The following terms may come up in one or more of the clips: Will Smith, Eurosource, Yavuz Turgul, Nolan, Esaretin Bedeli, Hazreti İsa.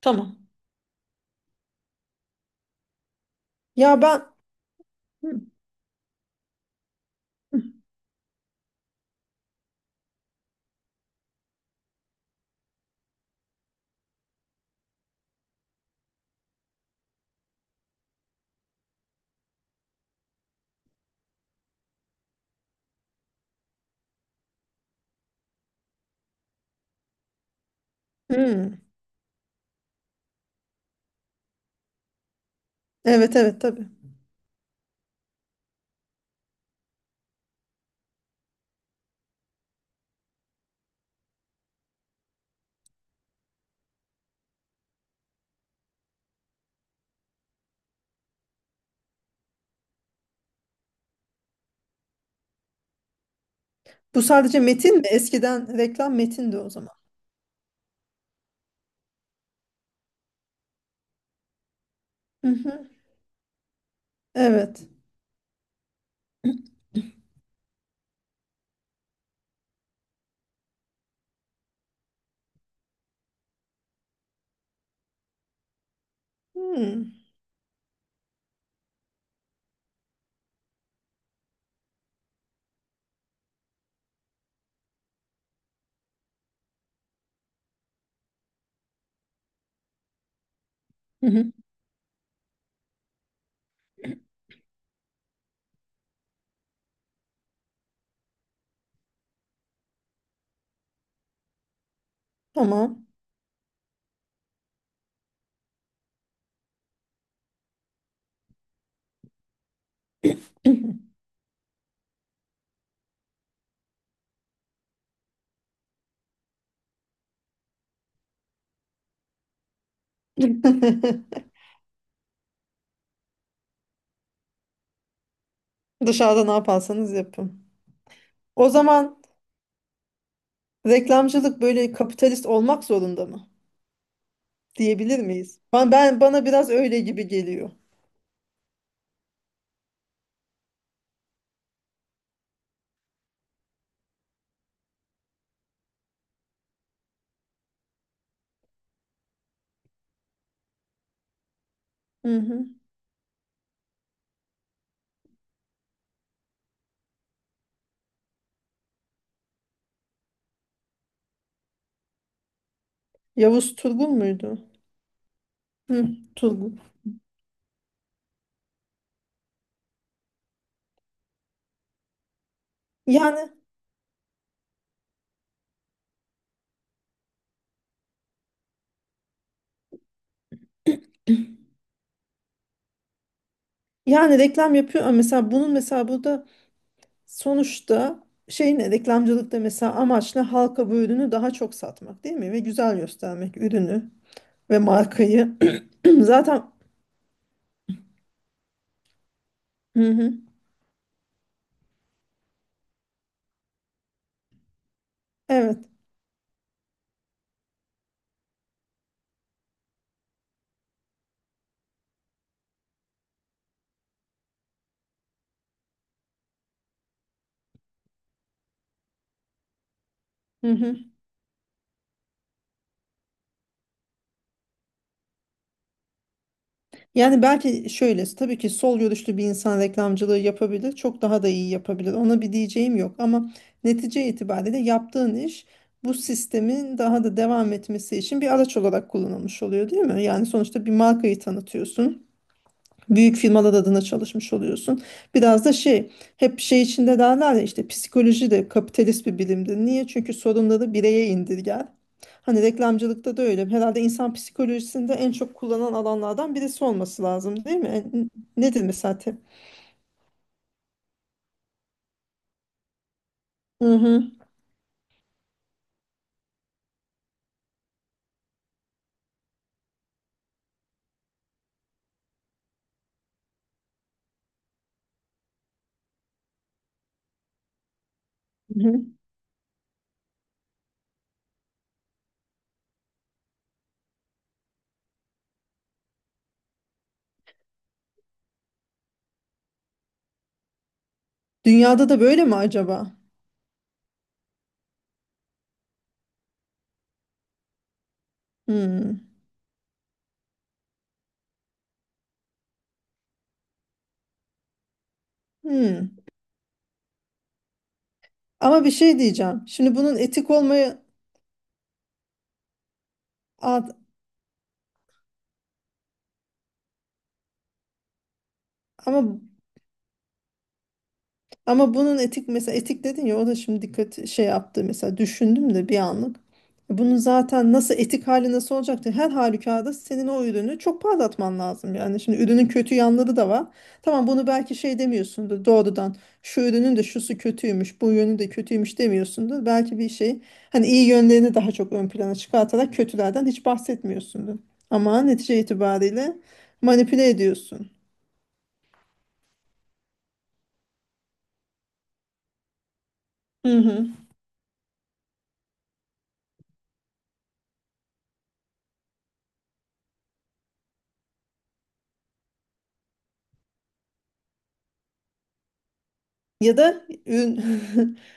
Tamam. Ya ben Hı, hı. Hmm. Evet evet tabii. Bu sadece metin mi? Eskiden reklam metindi o zaman. Hı hı. Evet. Hmm. Hı hı. Tamam. Dışarıda ne yaparsanız yapın. O zaman reklamcılık böyle kapitalist olmak zorunda mı diyebilir miyiz? Ben, ben bana biraz öyle gibi geliyor. Hı hı. Yavuz Turgul muydu? Hı, Turgul. Yani yani reklam yapıyor ama mesela bunun mesela burada. Sonuçta şeyin reklamcılıkta mesela amaç ne? Halka bu ürünü daha çok satmak değil mi? Ve güzel göstermek ürünü ve markayı. Zaten. Hı hı, evet. Hı hı. Yani belki şöyle tabii ki sol görüşlü bir insan reklamcılığı yapabilir. Çok daha da iyi yapabilir. Ona bir diyeceğim yok ama netice itibariyle yaptığın iş bu sistemin daha da devam etmesi için bir araç olarak kullanılmış oluyor değil mi? Yani sonuçta bir markayı tanıtıyorsun. Büyük firmalar adına çalışmış oluyorsun. Biraz da şey, hep şey içinde derler ya işte psikoloji de kapitalist bir bilimdir. Niye? Çünkü sorunları bireye indirger. Hani reklamcılıkta da öyle. Herhalde insan psikolojisinde en çok kullanılan alanlardan birisi olması lazım, değil mi? Nedir mesela? Hı hı. Hı hı. Dünyada da böyle mi acaba? Hmm. Hmm. Ama bir şey diyeceğim. Şimdi bunun etik olmaya Ad- ama Ama bunun etik, mesela etik dedin ya, o da şimdi dikkat şey yaptı, mesela düşündüm de bir anlık. Bunun zaten nasıl etik hali nasıl olacaktı? Her halükarda senin o ürünü çok parlatman lazım. Yani şimdi ürünün kötü yanları da var. Tamam, bunu belki şey demiyorsundur doğrudan. Şu ürünün de şusu kötüymüş, bu yönü de kötüymüş demiyorsundur. Belki bir şey, hani iyi yönlerini daha çok ön plana çıkartarak kötülerden hiç bahsetmiyorsundur. Ama netice itibariyle manipüle ediyorsun. Hı hı. Ya da ürün.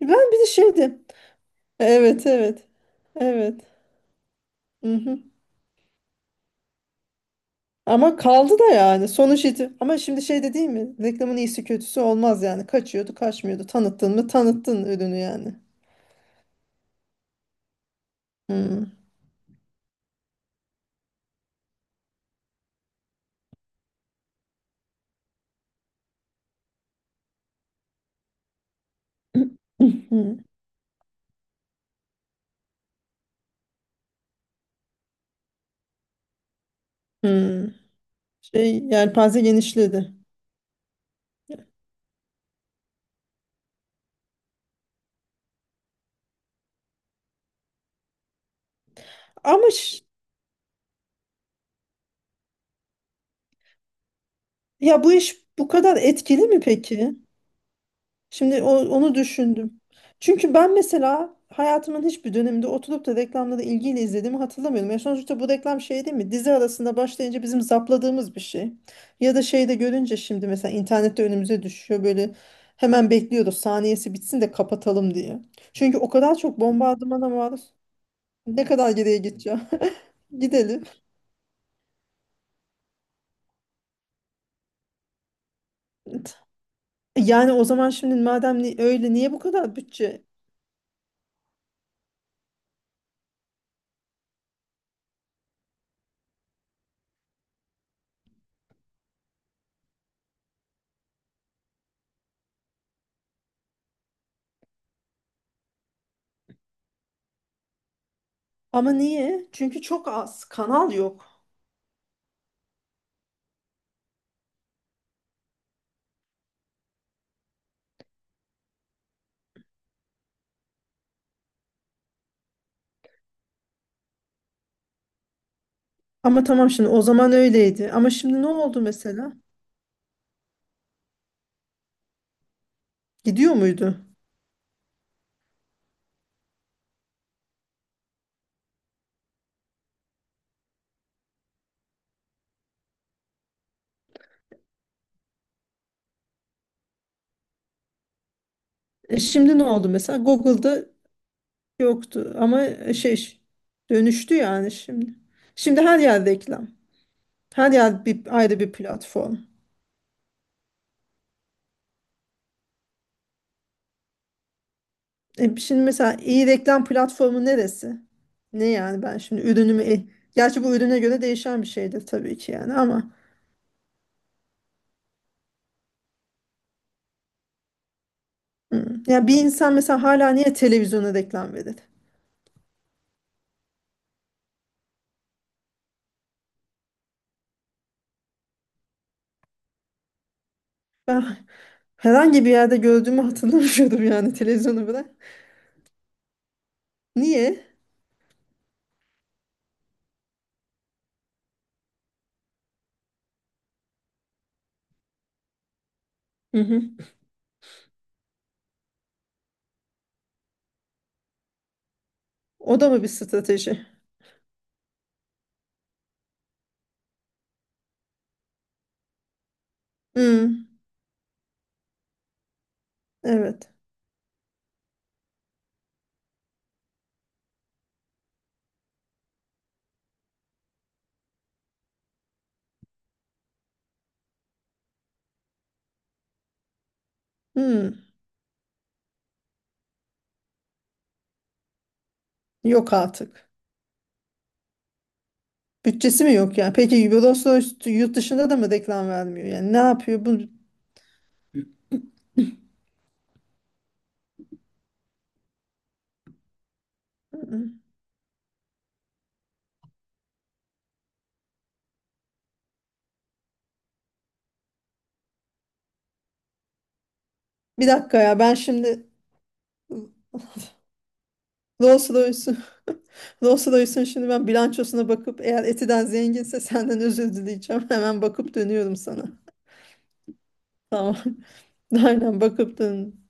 Ben bir de şeydi. Evet evet. Evet. Mhm. Ama kaldı da yani sonuç iti. Ama şimdi şey de değil mi? Reklamın iyisi kötüsü olmaz yani. Kaçıyordu, kaçmıyordu. Tanıttın mı? Tanıttın ürünü yani. Hmm. Hmm. Hmm. Şey, yelpaze genişledi. Ama ya bu iş bu kadar etkili mi peki? Şimdi onu düşündüm. Çünkü ben mesela hayatımın hiçbir döneminde oturup da reklamları ilgiyle izlediğimi hatırlamıyorum. Yani sonuçta bu reklam şey değil mi? Dizi arasında başlayınca bizim zapladığımız bir şey. Ya da şeyde görünce şimdi mesela internette önümüze düşüyor böyle, hemen bekliyoruz saniyesi bitsin de kapatalım diye. Çünkü o kadar çok bombardımana maruz. Ne kadar geriye gideceğim? Gidelim. Yani o zaman şimdi madem öyle niye bu kadar bütçe? Ama niye? Çünkü çok az kanal yok. Ama tamam şimdi o zaman öyleydi. Ama şimdi ne oldu mesela? Gidiyor muydu? E şimdi ne oldu mesela? Google'da yoktu ama şey dönüştü yani şimdi. Şimdi her yer reklam. Her yer bir, ayrı bir platform. E şimdi mesela iyi reklam platformu neresi? Ne yani ben şimdi ürünümü... Gerçi bu ürüne göre değişen bir şeydir tabii ki yani ama... Hmm. Ya bir insan mesela hala niye televizyona reklam verir? Ben herhangi bir yerde gördüğümü hatırlamıyorum yani televizyonu bırak. Niye? Hı hı. O da mı bir strateji? Hı, evet. Hı, yok artık. Bütçesi mi yok yani? Peki Eurosource yurt dışında da mı reklam vermiyor? Yani ne yapıyor bu? Bir dakika ya ben şimdi Rolls Royce'un Rolls Royce'un şimdi ben bilançosuna bakıp eğer Eti'den zenginse senden özür dileyeceğim. Hemen bakıp dönüyorum sana. Tamam. Aynen bakıp dön.